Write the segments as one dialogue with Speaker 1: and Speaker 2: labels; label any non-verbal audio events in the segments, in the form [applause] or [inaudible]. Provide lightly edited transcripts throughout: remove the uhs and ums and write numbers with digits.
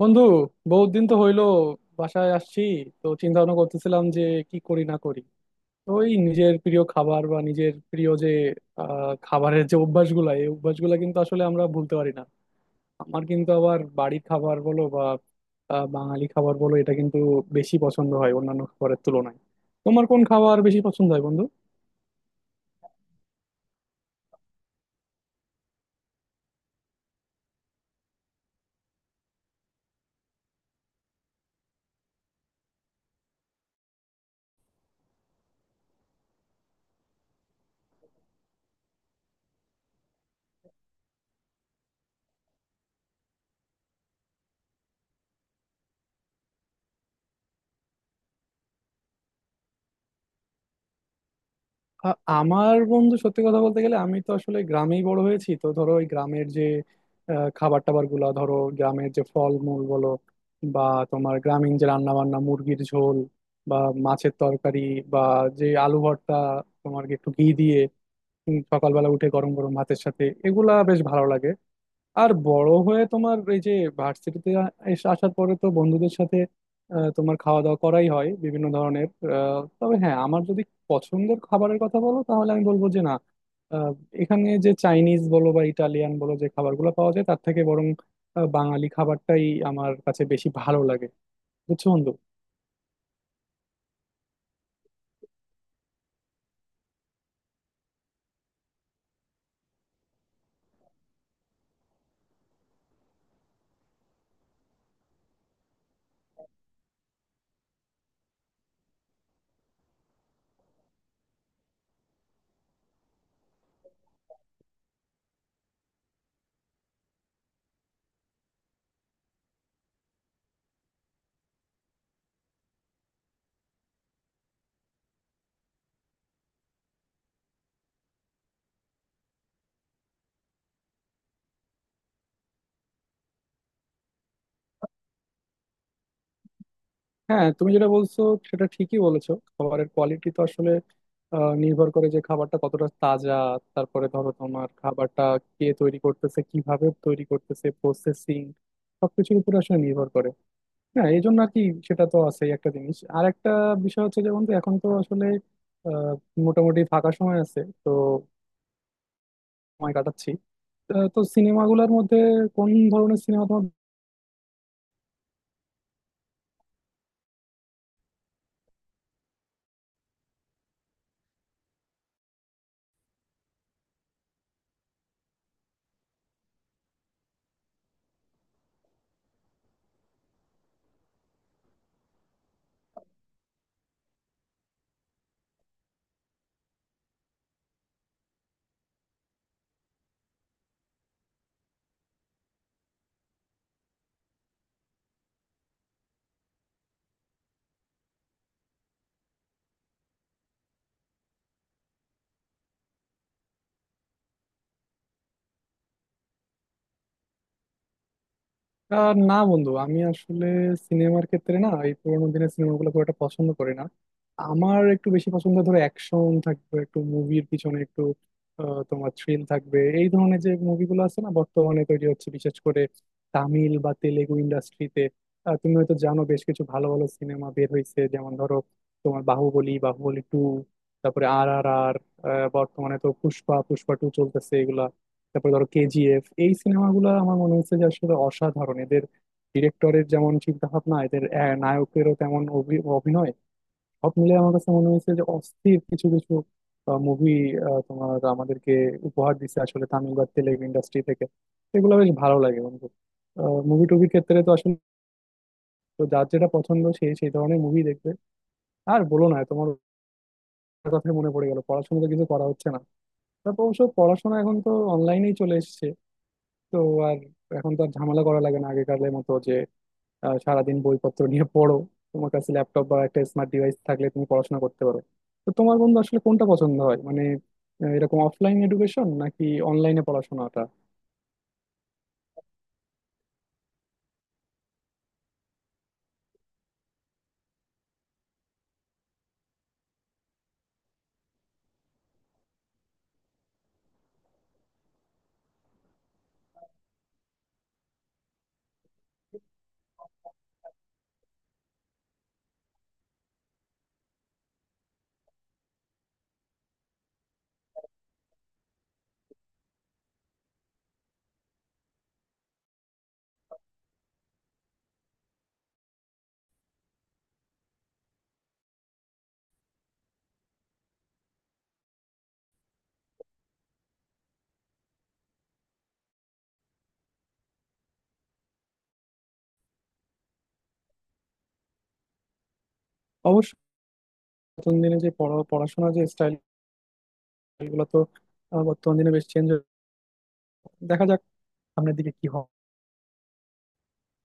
Speaker 1: বন্ধু বহুত দিন তো হইলো বাসায় আসছি। তো চিন্তা ভাবনা করতেছিলাম যে কি করি না করি। তো ওই নিজের প্রিয় খাবার বা নিজের প্রিয় যে খাবারের যে অভ্যাসগুলা এই অভ্যাসগুলা কিন্তু আসলে আমরা ভুলতে পারি না। আমার কিন্তু আবার বাড়ির খাবার বলো বা বাঙালি খাবার বলো এটা কিন্তু বেশি পছন্দ হয় অন্যান্য খাবারের তুলনায়। তোমার কোন খাবার বেশি পছন্দ হয় বন্ধু? আ- আমার বন্ধু, সত্যি কথা বলতে গেলে আমি তো আসলে গ্রামেই বড় হয়েছি। তো ধরো ওই গ্রামের যে খাবার টাবার গুলা, ধরো গ্রামের যে ফল মূল বলো বা তোমার গ্রামীণ যে রান্না বান্না, মুরগির ঝোল বা মাছের তরকারি বা যে আলু ভর্তা তোমার একটু ঘি দিয়ে সকালবেলা উঠে গরম গরম ভাতের সাথে এগুলা বেশ ভালো লাগে। আর বড় হয়ে তোমার এই যে ভার্সিটিতে এসে আসার পরে তো বন্ধুদের সাথে তোমার খাওয়া দাওয়া করাই হয় বিভিন্ন ধরনের। তবে হ্যাঁ, আমার যদি পছন্দের খাবারের কথা বলো তাহলে আমি বলবো যে না, আহ, এখানে যে চাইনিজ বলো বা ইটালিয়ান বলো যে খাবারগুলো পাওয়া যায় তার থেকে বরং বাঙালি খাবারটাই আমার কাছে বেশি ভালো লাগে। বুঝছো বন্ধু? হ্যাঁ, তুমি যেটা বলছো সেটা ঠিকই বলেছো। খাবারের কোয়ালিটি তো আসলে নির্ভর করে যে খাবারটা কতটা তাজা। তারপরে ধরো তোমার খাবারটা কে তৈরি করতেছে, কিভাবে তৈরি করতেছে, প্রসেসিং, সবকিছুর উপর আসলে নির্ভর করে। হ্যাঁ এই জন্য আর কি, সেটা তো আছেই একটা জিনিস। আর একটা বিষয় হচ্ছে, যেমন তো এখন তো আসলে আহ, মোটামুটি ফাঁকা সময় আছে তো সময় কাটাচ্ছি। তো সিনেমাগুলোর মধ্যে কোন ধরনের সিনেমা তোমার? না বন্ধু, আমি আসলে সিনেমার ক্ষেত্রে না, এই পুরোনো দিনের সিনেমাগুলো খুব একটা পছন্দ করি না। আমার একটু বেশি পছন্দ ধরো অ্যাকশন থাকবে একটু, মুভির পিছনে একটু তোমার থ্রিল থাকবে এই ধরনের যে মুভিগুলো আছে না বর্তমানে তৈরি হচ্ছে, বিশেষ করে তামিল বা তেলেগু ইন্ডাস্ট্রিতে। তুমি হয়তো জানো বেশ কিছু ভালো ভালো সিনেমা বের হয়েছে, যেমন ধরো তোমার বাহুবলী, বাহুবলী টু, তারপরে আর আর আর, বর্তমানে তো পুষ্পা, পুষ্পা টু চলতেছে এগুলা। তারপরে ধরো কেজিএফ, এই সিনেমাগুলো আমার মনে হচ্ছে যে আসলে অসাধারণ। এদের ডিরেক্টরের যেমন চিন্তা ভাবনা, এদের নায়কেরও তেমন অভিনয়, সব মিলে আমার কাছে মনে হয়েছে যে অস্থির কিছু কিছু মুভি তোমার আমাদেরকে উপহার দিচ্ছে আসলে তামিল বা তেলেগু ইন্ডাস্ট্রি থেকে। এগুলো বেশ ভালো লাগে বন্ধু। মুভি টুভির ক্ষেত্রে তো আসলে, তো যার যেটা পছন্দ সেই সেই ধরনের মুভি দেখবে। আর বলো না, তোমার কথা মনে পড়ে গেল, পড়াশোনা তো কিছু করা হচ্ছে না। তারপর অবশ্য পড়াশোনা এখন তো অনলাইনেই চলে এসেছে। তো আর এখন তো আর ঝামেলা করা লাগে না আগেকারের মতো যে সারাদিন বইপত্র নিয়ে পড়ো। তোমার কাছে ল্যাপটপ বা একটা স্মার্ট ডিভাইস থাকলে তুমি পড়াশোনা করতে পারো। তো তোমার বন্ধু আসলে কোনটা পছন্দ হয়, মানে এরকম অফলাইন এডুকেশন নাকি অনলাইনে পড়াশোনাটা? অবশ্য বর্তমান দিনে যে পড়া পড়াশোনার যে স্টাইল, এগুলো তো বর্তমান দিনে বেশ চেঞ্জ। দেখা যাক সামনের দিকে কি হয়।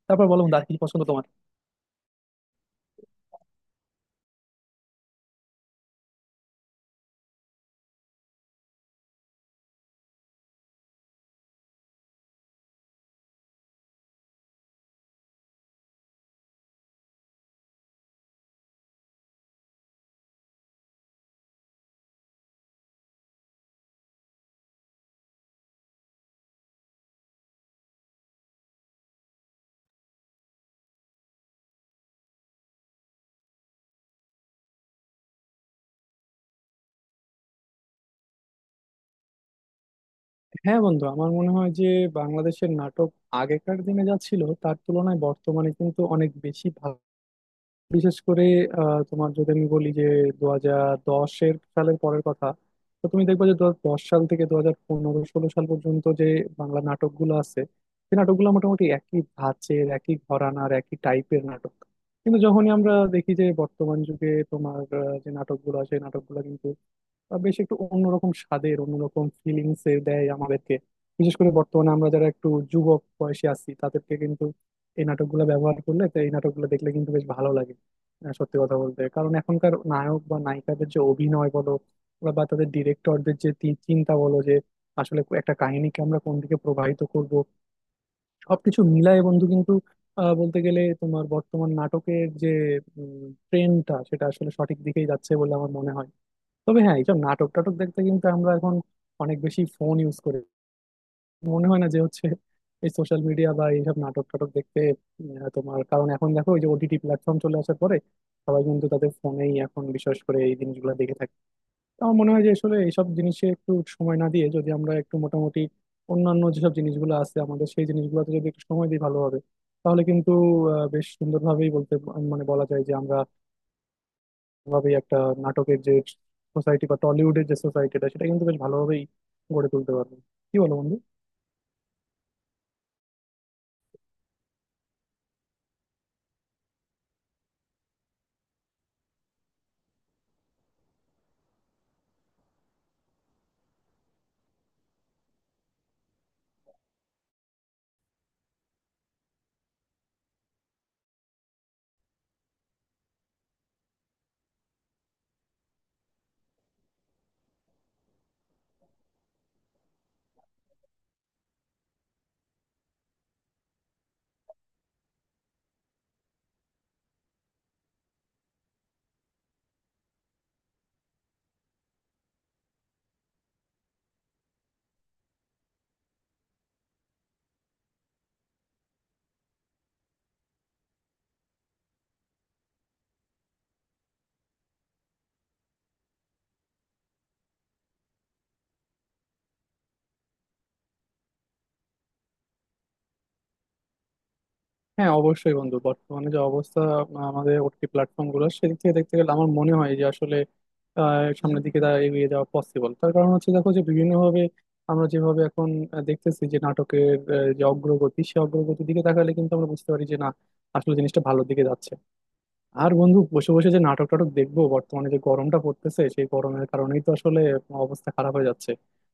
Speaker 1: তারপর বলো বন্ধু, আর কি পছন্দ তোমার? হ্যাঁ বন্ধু, আমার মনে হয় যে বাংলাদেশের নাটক আগেকার দিনে যা ছিল তার তুলনায় বর্তমানে কিন্তু অনেক বেশি ভালো। বিশেষ করে তোমার যদি আমি বলি যে 2010-এর সালের পরের কথা, তো তুমি দেখবে যে 2010 সাল থেকে 2015-16 সাল পর্যন্ত যে বাংলা নাটকগুলো আছে সেই নাটকগুলো মোটামুটি একই ধাঁচের, একই ঘরানার, একই টাইপের নাটক। কিন্তু যখনই আমরা দেখি যে বর্তমান যুগে তোমার যে নাটকগুলো আছে সেই নাটকগুলো কিন্তু বেশ একটু অন্যরকম স্বাদের, অন্যরকম ফিলিংস এর দেয় আমাদেরকে। বিশেষ করে বর্তমানে আমরা যারা একটু যুবক বয়সে আছি তাদেরকে কিন্তু এই নাটকগুলো ব্যবহার করলে তো এই নাটকগুলো দেখলে কিন্তু বেশ ভালো লাগে। সত্যি কথা বলতে, কারণ এখনকার নায়ক বা নায়িকাদের যে অভিনয় বলো বা বা তাদের ডিরেক্টরদের যে চিন্তা বলো যে আসলে একটা কাহিনীকে আমরা কোন দিকে প্রবাহিত করব, সবকিছু মিলায় বন্ধু, কিন্তু বলতে গেলে তোমার বর্তমান নাটকের যে ট্রেন্ডটা সেটা আসলে সঠিক দিকেই যাচ্ছে বলে আমার মনে হয়। তবে হ্যাঁ, এইসব নাটক টাটক দেখতে কিন্তু আমরা এখন অনেক বেশি ফোন ইউজ করি। মনে হয় না যে হচ্ছে এই সোশ্যাল মিডিয়া বা এইসব নাটক টাটক দেখতে তোমার, কারণ এখন দেখো ওই যে ওটিটি প্ল্যাটফর্ম চলে আসার পরে সবাই কিন্তু তাদের ফোনেই এখন বিশেষ করে এই জিনিসগুলো দেখে থাকে। তো আমার মনে হয় যে আসলে এইসব জিনিসে একটু সময় না দিয়ে যদি আমরা একটু মোটামুটি অন্যান্য যেসব জিনিসগুলো আছে আমাদের সেই জিনিসগুলোতে যদি একটু সময় দিই ভালো হবে। তাহলে কিন্তু বেশ সুন্দরভাবেই বলতে, মানে বলা যায় যে আমরা ভাবেই একটা নাটকের যে সোসাইটি বা টলিউডের যে সোসাইটিটা সেটা কিন্তু বেশ ভালোভাবেই গড়ে তুলতে পারবে। কি বলো বন্ধু? হ্যাঁ অবশ্যই বন্ধু, বর্তমানে যে অবস্থা আমাদের ওটিটি প্ল্যাটফর্ম গুলো, সেদিক থেকে দেখতে গেলে আমার মনে হয় যে আসলে সামনের দিকে তা এগিয়ে যাওয়া পসিবল। তার কারণ হচ্ছে দেখো যে বিভিন্নভাবে আমরা যেভাবে এখন দেখতেছি যে নাটকের যে অগ্রগতি, সে অগ্রগতির দিকে তাকালে কিন্তু আমরা বুঝতে পারি যে না, আসলে জিনিসটা ভালোর দিকে যাচ্ছে। আর বন্ধু, বসে বসে যে নাটক টাটক দেখবো, বর্তমানে যে গরমটা পড়তেছে সেই গরমের কারণেই তো আসলে অবস্থা খারাপ হয়ে যাচ্ছে।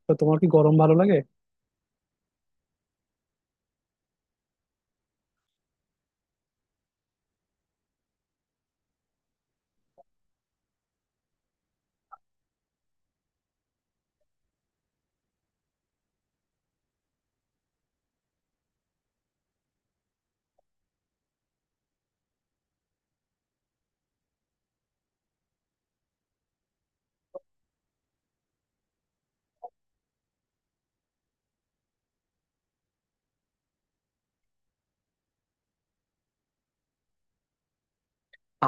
Speaker 1: তো তোমার কি গরম ভালো লাগে?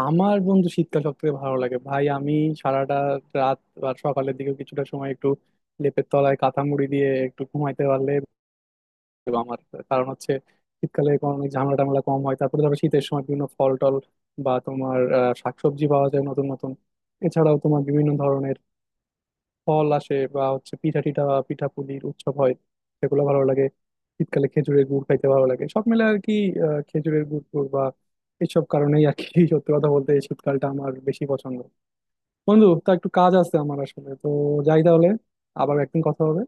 Speaker 1: আমার বন্ধু শীতকাল সব থেকে ভালো লাগে ভাই। আমি সারাটা রাত বা সকালের দিকে কিছুটা সময় একটু লেপের তলায় কাঁথা মুড়ি দিয়ে একটু ঘুমাইতে পারলে আমার কারণ হচ্ছে শীতকালে এখন অনেক ঝামেলা টামেলা কম হয়। তারপরে ধরো শীতের সময় বিভিন্ন ফল টল বা তোমার শাকসবজি পাওয়া যায় নতুন নতুন। এছাড়াও তোমার বিভিন্ন ধরনের ফল আসে, বা হচ্ছে পিঠা টিঠা বা পিঠা পুলির উৎসব হয়, সেগুলো ভালো লাগে। শীতকালে খেজুরের গুড় খাইতে ভালো লাগে সব মিলে আর কি, খেজুরের গুড় টুড় বা এসব কারণেই আর কি। [laughs] সত্যি কথা বলতে এই শীতকালটা আমার বেশি পছন্দ। বন্ধু, তা একটু কাজ আছে আমার আসলে, তো যাই তাহলে, আবার একদিন কথা হবে।